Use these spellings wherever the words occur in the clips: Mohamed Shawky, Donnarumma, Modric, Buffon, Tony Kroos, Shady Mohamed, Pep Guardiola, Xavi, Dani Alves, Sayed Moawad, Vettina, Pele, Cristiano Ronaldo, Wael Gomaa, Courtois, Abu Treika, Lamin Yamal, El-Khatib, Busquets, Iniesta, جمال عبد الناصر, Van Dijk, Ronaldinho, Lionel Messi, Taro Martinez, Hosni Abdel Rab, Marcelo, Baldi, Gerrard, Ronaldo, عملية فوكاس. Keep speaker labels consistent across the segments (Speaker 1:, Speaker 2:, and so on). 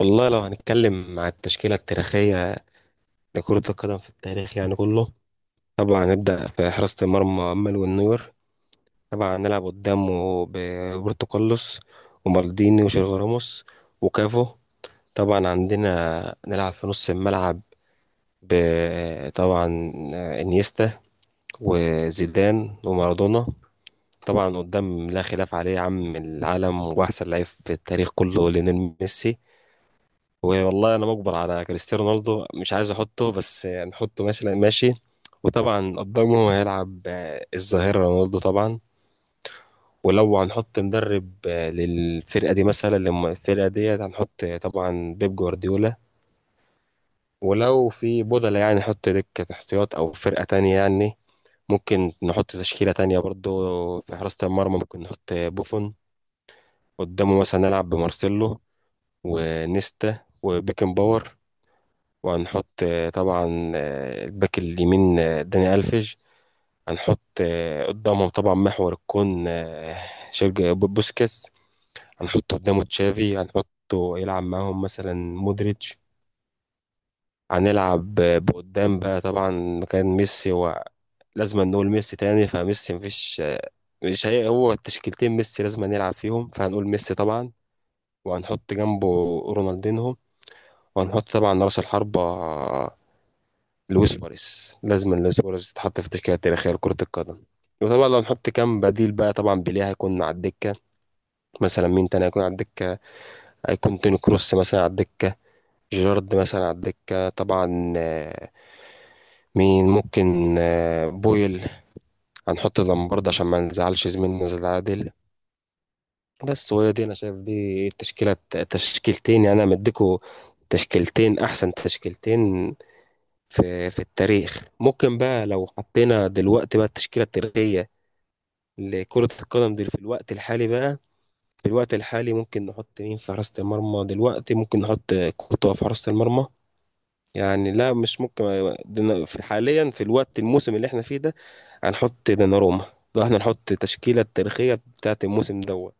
Speaker 1: والله لو هنتكلم على التشكيلة التاريخية لكرة القدم في التاريخ يعني كله. طبعا نبدأ في حراسة المرمى أمل والنور. طبعا نلعب قدامه بروبرتو كارلوس ومالديني وسيرجيو راموس وكافو. طبعا عندنا نلعب في نص الملعب طبعا انيستا وزيدان ومارادونا. طبعا قدام لا خلاف عليه عم العالم واحسن لعيب في التاريخ كله ليونيل ميسي. والله انا مجبر على كريستيانو رونالدو، مش عايز احطه بس نحطه ماشي لا ماشي. وطبعا قدامه هيلعب الظاهرة رونالدو طبعا. ولو هنحط مدرب للفرقة دي، مثلا الفرقة دي هنحط طبعا بيب جوارديولا. ولو في بدلة يعني نحط دكة احتياط او فرقة تانية، يعني ممكن نحط تشكيلة تانية برضو. في حراسة المرمى ممكن نحط بوفون، قدامه مثلا نلعب بمارسيلو ونيستا وبيكن باور. وهنحط طبعا الباك اليمين داني ألفيج. هنحط قدامهم طبعا محور الكون سيرجي بوسكيتس. هنحط قدامه تشافي، هنحطه يلعب معاهم مثلا مودريتش. هنلعب بقدام بقى طبعا مكان ميسي، ولازم نقول ميسي تاني فميسي مفيش مش هي هو التشكيلتين، ميسي لازم نلعب فيهم فهنقول ميسي طبعا. وهنحط جنبه رونالدينهو. وهنحط طبعا رأس الحربة لويس سواريز، لازم لويس سواريز تتحط في التشكيله التاريخيه لكره القدم. وطبعا لو نحط كام بديل بقى طبعا بيليه هيكون على الدكه، مثلا مين تاني هيكون على الدكه؟ هيكون توني كروس مثلا على الدكه، جيرارد مثلا على الدكه طبعا. مين ممكن؟ بويل. هنحط لامبرد عشان ما نزعلش زميلنا زي عادل بس. وهي دي انا شايف دي التشكيله، تشكيلتين يعني انا مديكوا تشكيلتين، احسن تشكيلتين في التاريخ. ممكن بقى لو حطينا دلوقتي بقى التشكيله التاريخيه لكرة القدم دي في الوقت الحالي بقى، في الوقت الحالي ممكن نحط مين في حراسة المرمى؟ دلوقتي ممكن نحط كورتوا في حراسة المرمى، يعني لا مش ممكن. في حاليا في الوقت، الموسم اللي احنا فيه ده هنحط دوناروما. لو احنا نحط التشكيلة التاريخية بتاعة الموسم دوت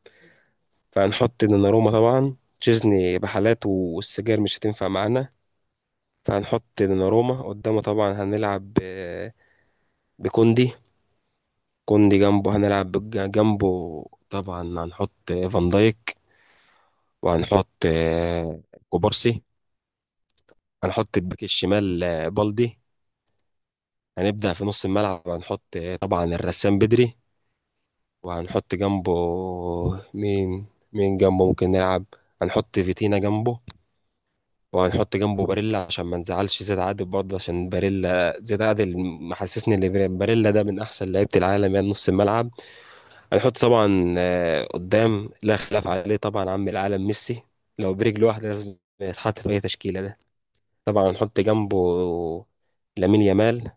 Speaker 1: فهنحط دوناروما طبعا، تشيزني بحالات والسجاير مش هتنفع معانا. فهنحط دوناروما، قدامه طبعا هنلعب بكوندي. كوندي جنبه هنلعب جنبه طبعا هنحط فان دايك. وهنحط كوبارسي. هنحط الباك الشمال بالدي. هنبدأ في نص الملعب، هنحط طبعا الرسام بدري. وهنحط جنبه مين؟ مين جنبه ممكن نلعب؟ هنحط فيتينا جنبه، وهنحط جنبه باريلا عشان ما نزعلش زيد عادل برضه، عشان باريلا زيد عادل محسسني ان باريلا ده من احسن لعيبه العالم. يعني نص الملعب. هنحط طبعا قدام لا خلاف عليه طبعا عم العالم ميسي، لو برجل واحده لازم يتحط في اي تشكيله ده. طبعا هنحط جنبه لامين يامال.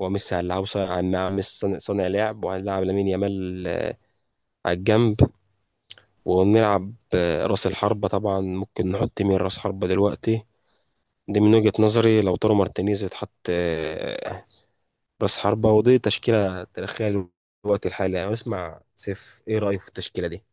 Speaker 1: هو ميسي هنلعبه صانع، مع ميسي صانع، صانع لعب، وهنلعب لامين يامال على الجنب. ونلعب راس الحربة طبعا. ممكن نحط مين راس حربة دلوقتي؟ دي من وجهة نظري لو تارو مارتينيز يتحط راس حربة. ودي تشكيلة تاريخية للوقت الحالي يعني. اسمع سيف ايه رأيه في التشكيلة دي؟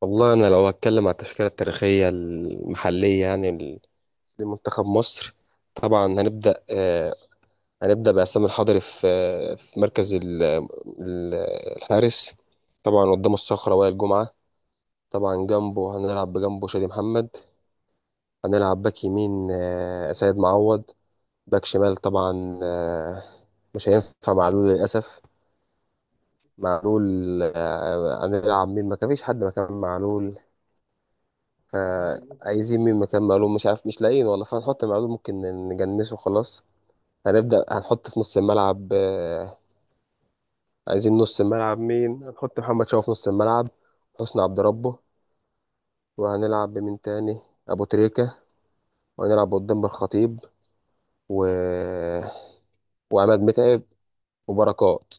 Speaker 1: والله انا لو هتكلم على التشكيلة التاريخية المحلية يعني لمنتخب مصر، طبعا هنبدأ، هنبدأ بعصام الحضري في في مركز ال- الحارس. طبعا قدام الصخرة وائل جمعة، طبعا جنبه هنلعب بجنبه شادي محمد. هنلعب باك يمين سيد معوض. باك شمال طبعا مش هينفع معلول للأسف. معلول هنلعب مين؟ ما كان فيش حد مكان معلول، فعايزين مين مكان معلول؟ مش عارف، مش لاقيين والله، فهنحط معلول ممكن نجنسه خلاص. هنبدأ هنحط في نص الملعب عايزين نص الملعب مين؟ هنحط محمد شوقي في نص الملعب، حسني عبد ربه، وهنلعب بمين تاني؟ ابو تريكة. وهنلعب قدام بالخطيب و... وعماد متعب وبركات.